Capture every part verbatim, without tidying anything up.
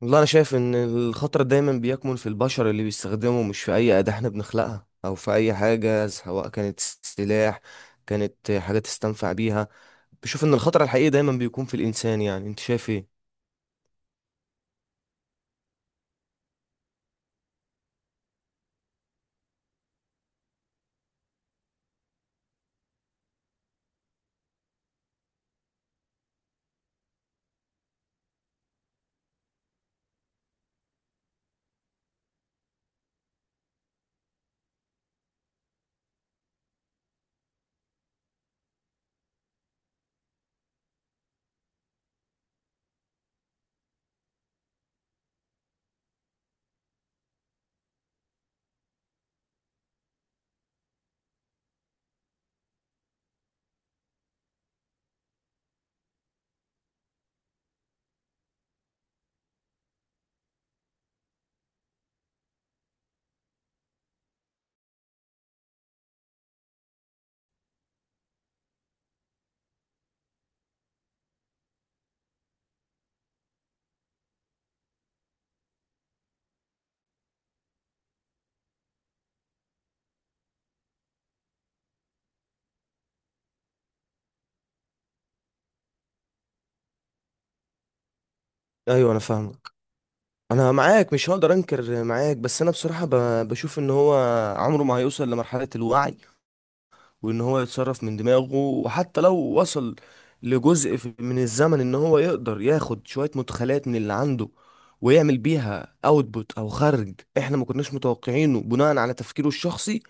والله انا شايف ان الخطر دايما بيكمن في البشر اللي بيستخدمه، مش في اي اداة احنا بنخلقها او في اي حاجة، سواء كانت سلاح كانت حاجة تستنفع بيها. بشوف ان الخطر الحقيقي دايما بيكون في الانسان. يعني انت شايف ايه؟ ايوه، انا فاهمك. انا معاك، مش هقدر انكر معاك، بس انا بصراحة ب- بشوف ان هو عمره ما هيوصل لمرحلة الوعي، وان هو يتصرف من دماغه. وحتى لو وصل لجزء في- من الزمن ان هو يقدر ياخد شوية مدخلات من اللي عنده ويعمل بيها اوتبوت او خرج احنا ما كناش متوقعينه بناء على تفكيره الشخصي،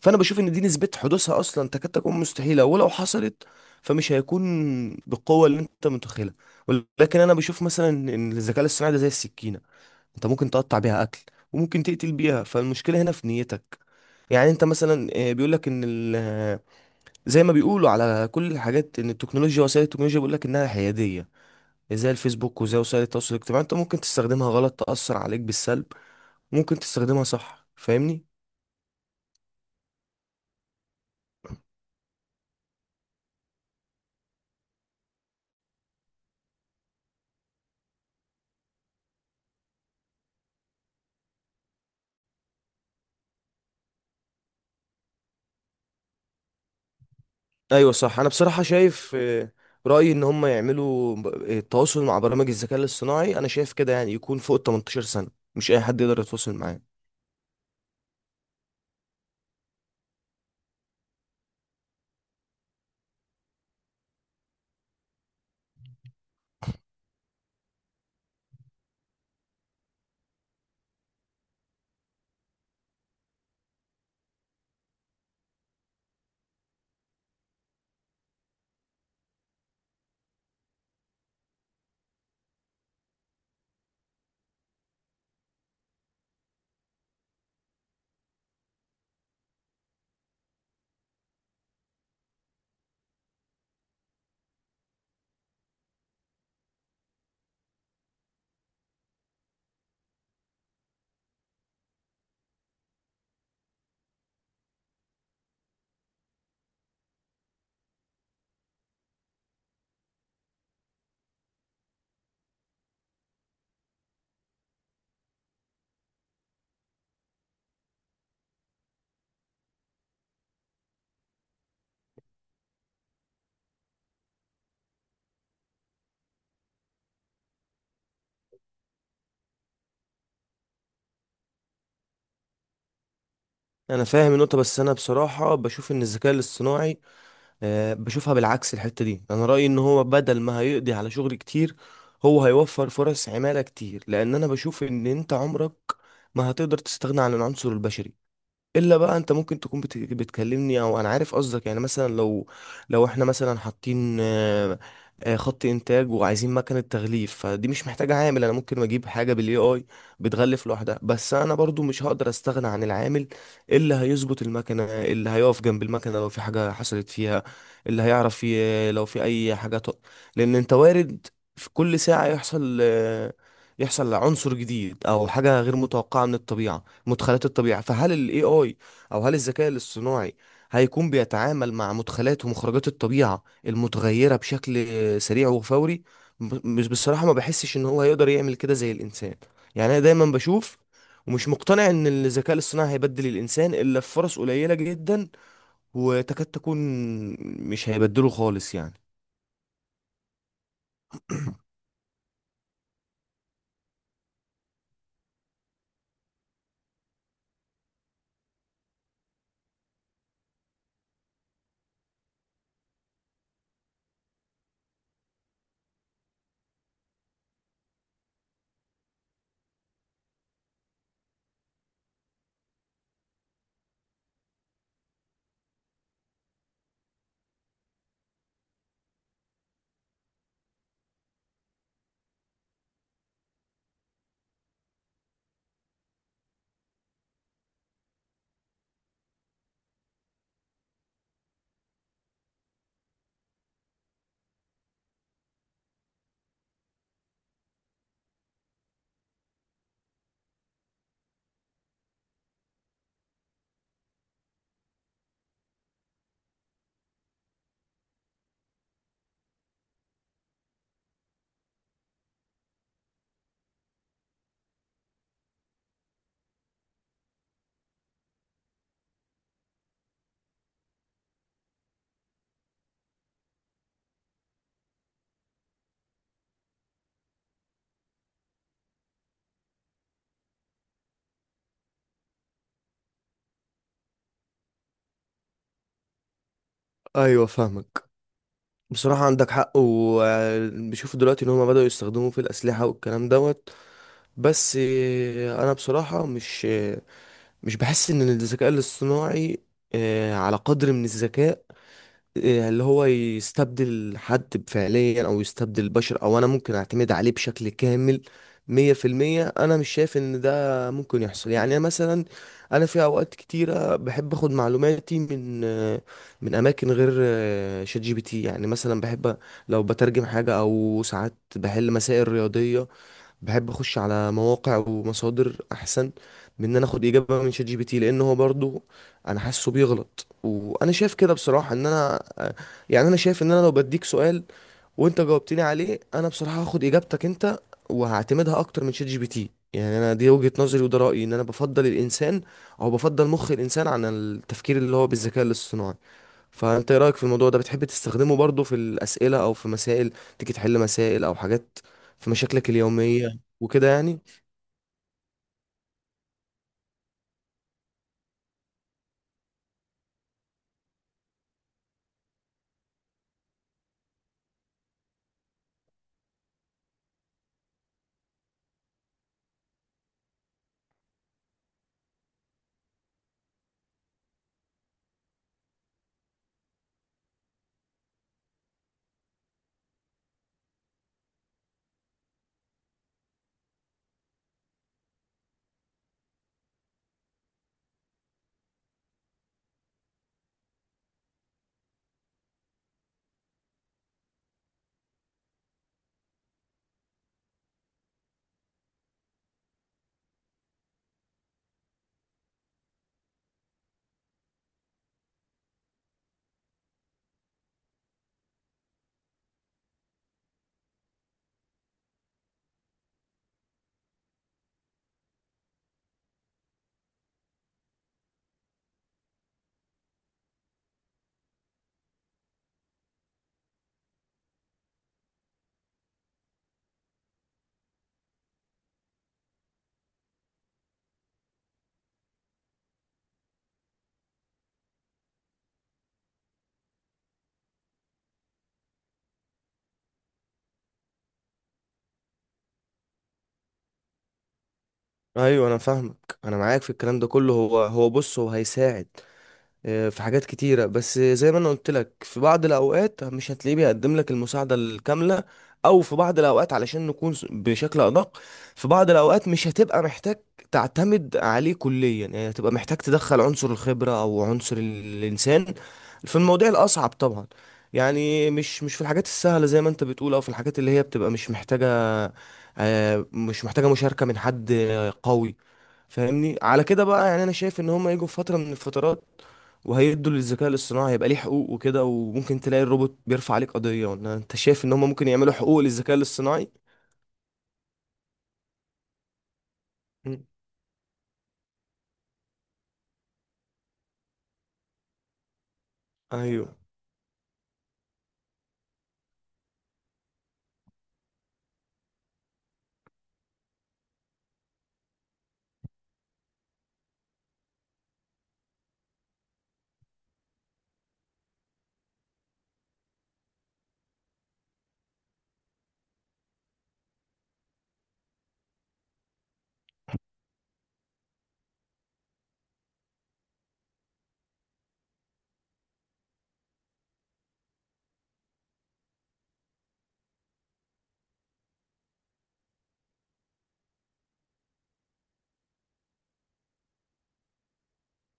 فانا بشوف ان دي نسبة حدوثها اصلا تكاد تكون مستحيلة. ولو حصلت فمش هيكون بالقوة اللي انت متخيلها. ولكن انا بشوف مثلا ان الذكاء الاصطناعي ده زي السكينة، انت ممكن تقطع بيها اكل وممكن تقتل بيها، فالمشكلة هنا في نيتك. يعني انت مثلا آه، بيقول لك ان ال زي ما بيقولوا على كل الحاجات ان التكنولوجيا، وسائل التكنولوجيا، بيقول لك انها حياديه، زي الفيسبوك وزي وسائل التواصل الاجتماعي، انت ممكن تستخدمها غلط تاثر عليك بالسلب، ممكن تستخدمها صح. فاهمني؟ ايوه صح. انا بصراحه شايف، آه، رايي ان هم يعملوا ب- التواصل مع برامج الذكاء الاصطناعي. انا شايف كده، يعني يكون فوق ال ثمانية عشر سنه، مش اي حد يقدر يتواصل معاه. انا فاهم النقطه، بس انا بصراحه بشوف ان الذكاء الاصطناعي آه، بشوفها بالعكس الحتة دي. انا رأيي ان هو بدل ما هيقضي على شغل كتير، هو هيوفر فرص عمالة كتير، لان انا بشوف ان انت عمرك ما هتقدر تستغنى عن العنصر البشري. الا بقى انت ممكن تكون بت- بتكلمني، او انا عارف قصدك. يعني مثلا لو لو احنا مثلا حاطين آه، آه، خط انتاج وعايزين مكنه تغليف، فدي مش محتاجه عامل. انا ممكن اجيب حاجه بالاي اي بتغلف لوحدها، بس انا برضو مش هقدر استغنى عن العامل اللي هيظبط المكنه، اللي هيقف جنب المكنه لو في حاجه حصلت فيها، اللي هيعرف ي- لو في اي حاجه ط- لان انت وارد في كل ساعه يحصل، آه، يحصل عنصر جديد او حاجه غير متوقعه من الطبيعه، مدخلات الطبيعة. فهل ال إيه آي أو هل الذكاء الاصطناعي هيكون بيتعامل مع مدخلات ومخرجات الطبيعة المتغيرة بشكل سريع وفوري؟ م- مش بصراحة ما بحسش إن هو هيقدر يعمل كده زي الإنسان. يعني أنا دايما بشوف، ومش مقتنع إن الذكاء الاصطناعي هيبدل الإنسان إلا في فرص قليلة جدا وتكاد تكون مش هيبدله خالص يعني. ايوه فاهمك. بصراحة عندك حق. وبشوف دلوقتي ان هما بدأوا يستخدموه في الأسلحة والكلام دوت. بس آه، انا بصراحة مش آه، مش بحس ان الذكاء الاصطناعي آه، على قدر من الذكاء، آه، اللي هو يستبدل حد فعليا او يستبدل البشر، او انا ممكن اعتمد عليه بشكل كامل مية في المية. انا مش شايف ان ده ممكن يحصل. يعني أنا مثلا انا في اوقات كتيرة بحب اخد معلوماتي من، آه، من اماكن غير آه، شات جي بي تي. يعني مثلا بحب لو بترجم حاجة او ساعات بحل مسائل رياضية، بحب اخش على مواقع ومصادر احسن من ان انا اخد اجابه من شات جي بي تي، لان هو برضو انا حاسه بيغلط. وانا شايف كده بصراحه، ان انا يعني انا شايف، ان انا لو بديك سؤال وانت جاوبتني عليه، انا بصراحه هاخد اجابتك انت وهعتمدها اكتر من شات جي بي تي. يعني انا دي وجهه نظري وده رايي، ان انا بفضل الانسان او بفضل مخ الانسان عن التفكير اللي هو بالذكاء الاصطناعي. فانت ايه رايك في الموضوع ده؟ بتحب تستخدمه برضو في الاسئله او في مسائل، تيجي تحل مسائل او حاجات في مشاكلك اليوميه وكده يعني؟ ايوه انا فاهمك. انا معاك في الكلام ده كله، هو هو بص هو هيساعد آه، في حاجات كتيرة. بس زي ما انا قلت لك، في بعض الاوقات مش هتلاقيه بيقدم لك المساعدة الكاملة، او في بعض الاوقات علشان نكون س- بشكل ادق، في بعض الاوقات مش هتبقى محتاج تعتمد عليه كليا، يعني هتبقى محتاج تدخل عنصر الخبرة او عنصر ال- الانسان في المواضيع الاصعب طبعا. يعني مش مش في الحاجات السهلة، زي ما انت بتقول، او في الحاجات اللي هي بتبقى مش محتاجة، آه، مش محتاجة مشاركة من حد آه، قوي. فاهمني على كده بقى؟ يعني انا شايف ان هم يجوا في فتره من الفترات وهيدوا للذكاء الاصطناعي، هيبقى ليه حقوق وكده. وممكن تلاقي الروبوت بيرفع عليك قضية، إن انت شايف ان هم ممكن يعملوا حقوق للذكاء الاصطناعي. مم. ايوه.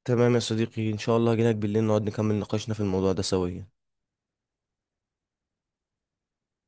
تمام يا صديقي، ان شاء الله هجيلك بالليل نقعد نكمل نقاشنا في الموضوع ده سويا.